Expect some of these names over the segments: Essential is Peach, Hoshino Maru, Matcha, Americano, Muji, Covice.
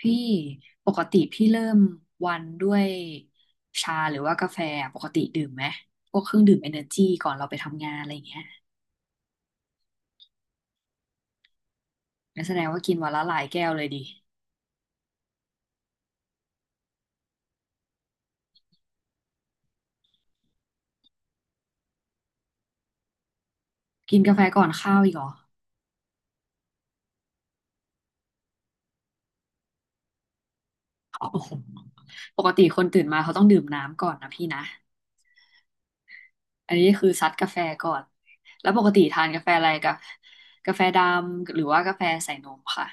พี่ปกติพี่เริ่มวันด้วยชาหรือว่ากาแฟอะปกติดื่มไหมพวกเครื่องดื่มเอเนอร์จีก่อนเราไปทำงานอะไรอย่างเงี้ยงั้นแสดงว่ากินวันละหลายแก้วเลยดิกินกาแฟก่อนข้าวอีกเหรอโอ้โหปกติคนตื่นมาเขาต้องดื่มน้ำก่อนนะพี่นะอันนี้คือซัดกาแฟก่อนแล้วปกติทานกาแฟอะไรกับกาแฟดำหรือว่ากาแฟใส่นมค่ะ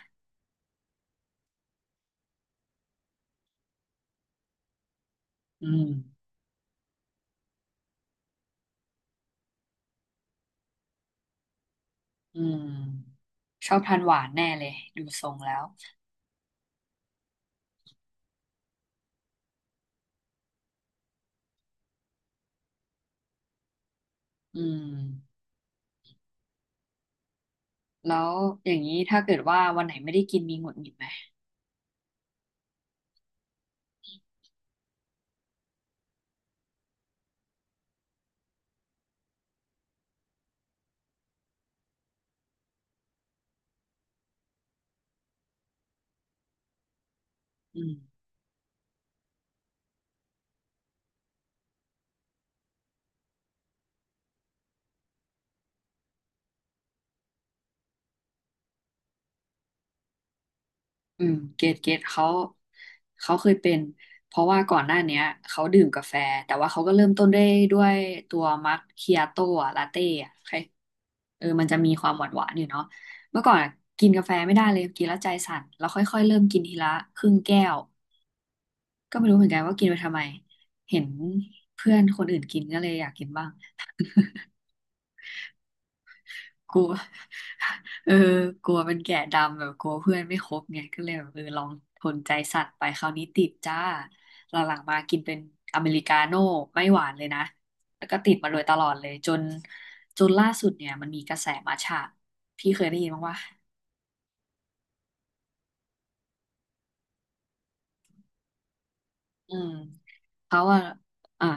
อืมอืมชอบทานหวานแน่เลยดูทรงแล้วอืม แล้วอย่างนี้ถ้าเกิดว่าวันไหนไม่ได้กินมีหงุดหงิดไหมอืมอืมเกตเกตเขาเขาเคยเป็นเพราะว่าก่อนหน้าเนี้ยเขาดื่มกาแฟแต่ว่าเขาก็เริ่มต้นด้วยตัวมัคคิอาโต้อะลาเต้อะใครเออมันจะมีความหวานหวานอยู่เนาะเมื่อก่อนอะกินกาแฟไม่ได้เลยกินแล้วใจสั่นแล้วค่อยๆเริ่มกินทีละครึ่งแก้วก็ไม่รู้เหมือนกันว่ากินไปทำไมเห็นเพื่อนคนอื่นกินก็เลยอยากกินบ้าง กลัว เออกลัวเป็นแก่ดำแบบกลัวเพื่อนไม่ครบไงก็เลยแบบเออลองทนใจสั่นไปคราวนี้ติดจ้าหลังๆมากินเป็นอเมริกาโน่ไม่หวานเลยนะแล้วก็ติดมาโดยตลอดเลยจนล่าสุดเนี่ยมันมีกระแสมัทฉะพี่เคยได้ยินบ้างวะอืมเขาว่าอ่ะ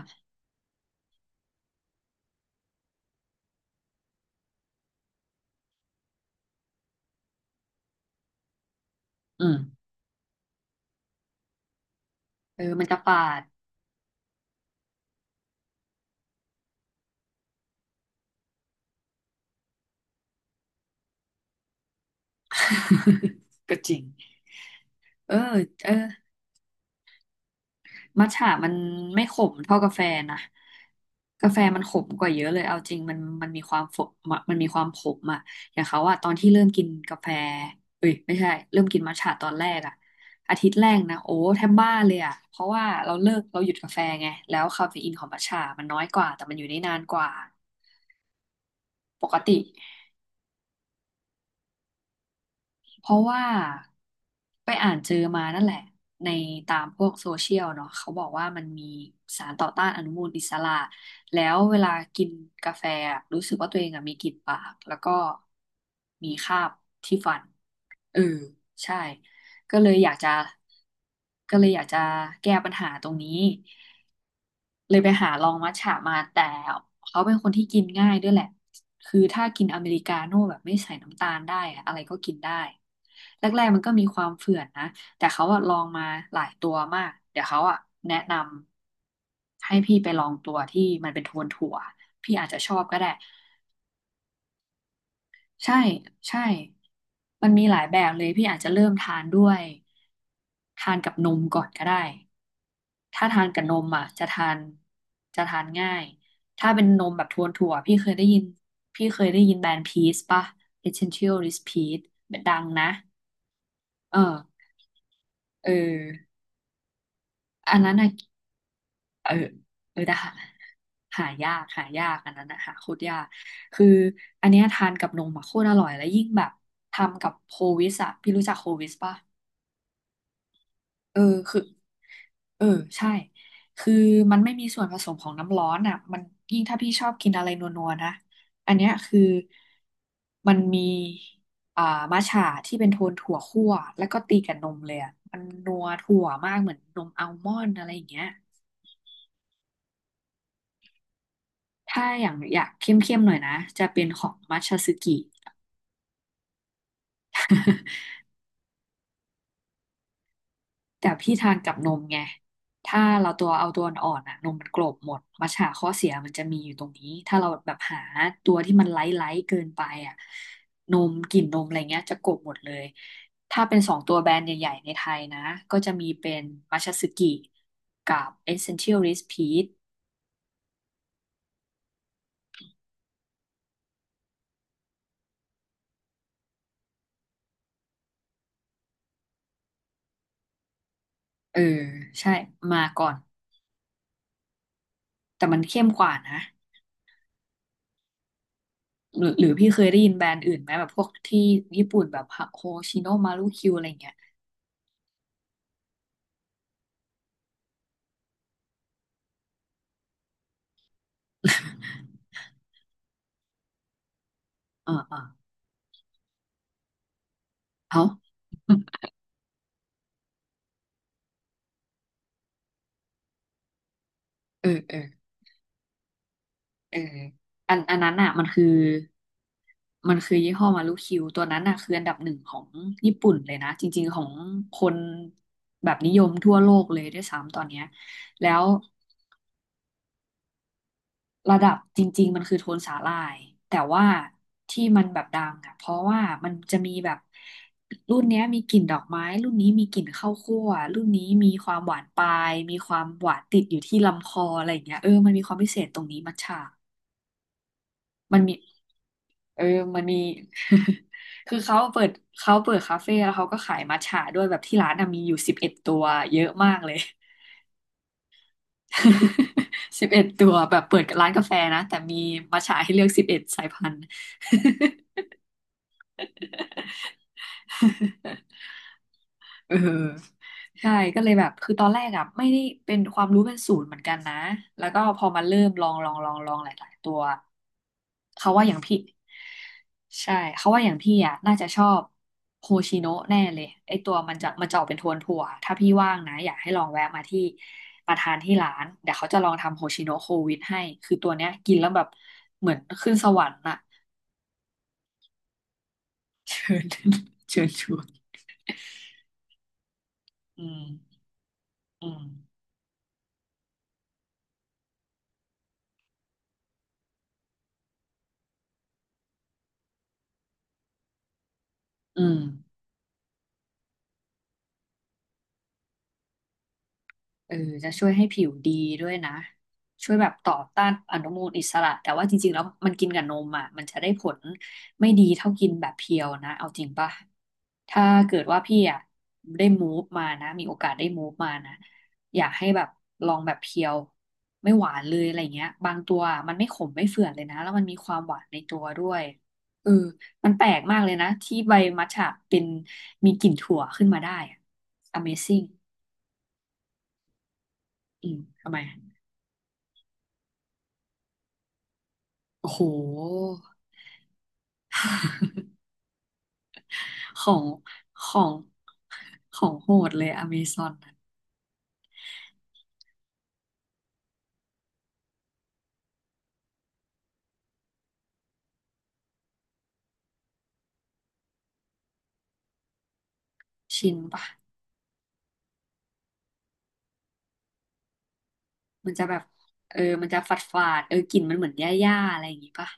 อืมเออมันจะปาด ก็จริงเออเออ มัทฉะมันไม่ขมเท่ากาแฟนะกาแฟมันขมกว่าเยอะเลยเอาจริงมันมีความฝมันมีความขมอะอย่างเขาอะตอนที่เริ่มกินกาแฟเอ้ยไม่ใช่เริ่มกินมัทฉะตอนแรกอะอาทิตย์แรกนะโอ้แทบบ้าเลยอะเพราะว่าเราเลิกเราหยุดกาแฟไงแล้วคาเฟอีนของมัทฉะมันน้อยกว่าแต่มันอยู่ได้นานกว่าปกติ เพราะว่าไปอ่านเจอมานั่นแหละในตามพวกโซเชียลเนาะเขาบอกว่ามันมีสารต่อต้านอนุมูลอิสระแล้วเวลากินกาแฟอะรู้สึกว่าตัวเองอะมีกลิ่นปากแล้วก็มีคราบที่ฟันเออใช่ก็เลยอยากจะก็เลยอยากจะแก้ปัญหาตรงนี้ เลยไปหาลองมัทฉะมาแต่เขาเป็นคนที่กินง่ายด้วยแหละคือถ้ากินอเมริกาโน่แบบไม่ใส่น้ำตาลได้อะอะไรก็กินได้แรกๆมันก็มีความเฝื่อนนะแต่เขาอะลองมาหลายตัวมากเดี๋ยวเขาอะแนะนำให้พี่ไปลองตัวที่มันเป็นโทนถั่วพี่อาจจะชอบก็ได้ใช่ใช่มันมีหลายแบบเลยพี่อาจจะเริ่มทานด้วยทานกับนมก่อนก็ได้ ถ้าทานกับนมอ่ะจะทานง่าย ถ้าเป็นนมแบบทวนถั่วพี่เคยได้ยินแบรนด์พีซป่ะ Essential is Peach ดังนะเออเอออันนั้นอ่ะเออเออแต่หาหายากอันนั้นนะหาโคตรยากคืออันเนี้ยทานกับนมอะโคตรอร่อยแล้วยิ่งแบบทำกับโควิสอะพี่รู้จักโควิสป่ะ เออคือเออใช่คือมันไม่มีส่วนผสมของน้ำร้อนอ่ะมันยิ่งถ้าพี่ชอบกินอะไรนัวๆนะอันเนี้ยคือมันมีอ่ามัทฉะที่เป็นโทนถั่วคั่วแล้วก็ตีกับนมเลยอ่ะมันนัวถั่วมากเหมือนนมอัลมอนด์อะไรอย่างเงี้ยถ้าอย่างอยากเข้มๆหน่อยนะจะเป็นของมัทฉะซึกิ แต่พี่ทานกับนมไง ถ้าเราตัวเอาตัวอ่อนๆอ่ะนมมันกลบหมดมัทฉะข้อเสียมันจะมีอยู่ตรงนี้ ถ้าเราแบบหาตัวที่มันไลท์ไลท์เกินไปอ่ะ นมกลิ่นนมอะไรเงี้ยจะกลบหมดเลย ถ้าเป็นสองตัวแบรนด์ใหญ่ๆในไทยนะ ก็จะมีเป็นมัชสึกิกับ Essential Rice Peach เออใช่มาก่อน แต่มันเข้มกว่านะ หรือพี่เคยได้ยินแบรนด์อื่นไหมแบบพวกที่ญี่ปุ่นแบบโฮชิโนมารุคิวอะไรเงี้ย อ่าอ่าเอา เออเออเอออันนั้นอ่ะมันคือมันคือยี่ห้อมารุคิวตัวนั้นอ่ะคืออันดับหนึ่งของญี่ปุ่นเลยนะจริงๆของคนแบบนิยมทั่วโลกเลยด้วยซ้ำตอนเนี้ยแล้วระดับจริงๆมันคือโทนสาหร่ายแต่ว่าที่มันแบบดังอ่ะเพราะว่ามันจะมีแบบรุ่นเนี้ยมีกลิ่นดอกไม้รุ่นนี้มีกลิ่นข้าวคั่วรุ่นนี้มีความหวานปลายมีความหวานติดอยู่ที่ลำคออะไรอย่างเงี้ยเออมันมีความพิเศษตรงนี้มัทฉะ มันมี เออ มันมี คือเขาเปิด เขาเปิดคาเฟ่แล้วเขาก็ขายมัทฉะด้วยแบบที่ร้านอะมีอยู่สิบเอ็ดตัวเยอะมากเลย 11ตัวแบบเปิดร้านกาแฟนะแต่มีมัทฉะให้เลือกสิบเอ็ดสายพันธุ์ เออใช่ก็เลยแบบคือตอนแรกอ่ะไม่ได้เป็นความรู้เป็นศูนย์เหมือนกันนะแล้วก็พอมาเริ่มลองหลายๆตัวเขาว่าอย่างพี่ใช่เขาว่าอย่างพี่อ่ะน่าจะชอบโฮชิโนะแน่เลยไอตัวมันจะออกเป็นโทนถั่วถ้าพี่ว่างนะอยากให้ลองแวะมาที่มาทานที่ร้านเดี๋ยวเขาจะลองทำโฮชิโนะโควิดให้คือตัวเนี้ยกินแล้วแบบเหมือนขึ้นสวรรค์น่ะเชิญ เชิญชวนอืมอืมอืม เออจะช่วยให้ผิวดีด้วยนะช่วยแบบต่อต้านอนุมูลอิสระแต่ว่าจริงๆแล้วมันกินกับนมอ่ะมันจะได้ผลไม่ดีเท่ากินแบบเพียวนะเอาจริงป่ะถ้าเกิดว่าพี่อ่ะได้มูฟมานะมีโอกาสได้มูฟมานะอยากให้แบบลองแบบเพียวไม่หวานเลยอะไรเงี้ยบางตัวอะมันไม่ขมไม่เฝื่อนเลยนะแล้วมันมีความหวานในตัวด้วยเออมันแปลกมากเลยนะที่ใบมัทฉะเป็นมีกลิ่นถั่วขึ้นมาได้อะ Amazing อืมทำไม โอ้โห ของของของโหดเลยอเมซอนน่ะชินปะมันจะแบบเออมันจะฝาดเออกลิ่นมันเหมือนหญ้าๆอะไรอย่างงี้ปะ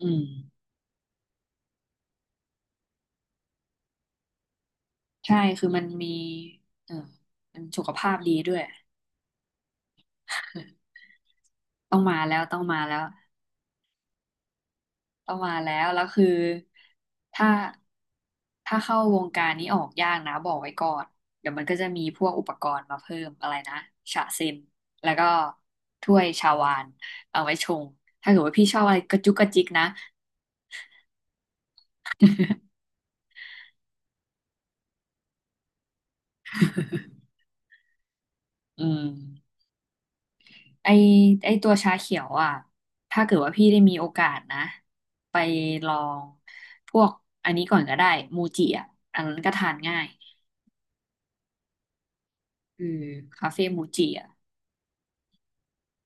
อืมใช่คือมันมีเออมันสุขภาพดีด้วยต้องมาแล้ว ประมาณแล้วคือถ้าถ้าเข้าวงการนี้ออกยากนะบอกไว้ก่อนเดี๋ยวมันก็จะมีพวกอุปกรณ์มาเพิ่มอะไรนะฉะเซมแล้วก็ถ้วยชาวานเอาไว้ชงถ้าเกิดว่าพี่ชอบอะไรกระจุกกระจิกนะอืมไอไอตัวชาเขียวอ่ะถ้าเกิดว่าพี่ได้มีโอกาสนะไปลองพวกอันนี้ก่อนก็ได้มูจิอ่ะอันนั้นก็ทานง่ายอือคาเฟ่มูจิอ่ะ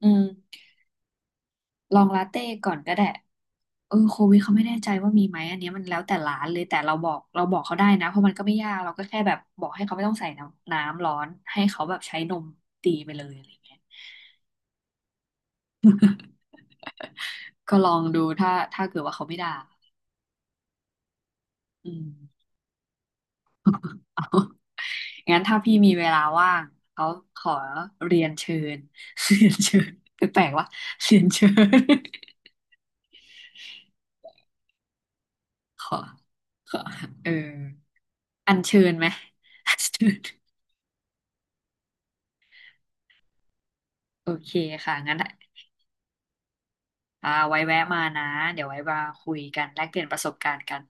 อืม ลองลาเต้ก่อนก็ได้เออโควิดเขาไม่แน่ใจว่ามีไหมอันเนี้ยมันแล้วแต่ร้านเลยแต่เราบอกเราบอกเขาได้นะเพราะมันก็ไม่ยากเราก็แค่แบบบอกให้เขาไม่ต้องใส่น้ำร้อนให้เขาแบบใช้นมตีไปเลยอะไรเงี้ยก็ลองดูถ้าเกิดว่าเขาไม่ด่าอืม เอา งั้นถ้าพี่มีเวลาว่างเขาขอเรียนเชิญ เรียนเชิญแปลกๆว่าเรียนเชิญ ขอขอเอออัญเชิญไหมอัญเชิญโอเคค่ะงั้น อ่าไว้แวะมานะเดี๋ยวไว้มาคุยกันแลกเปลี่ยนประสบการณ์กัน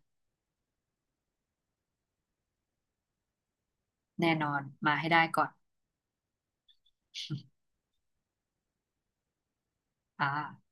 แน่นอนมาให้ได้ก่อน อ่า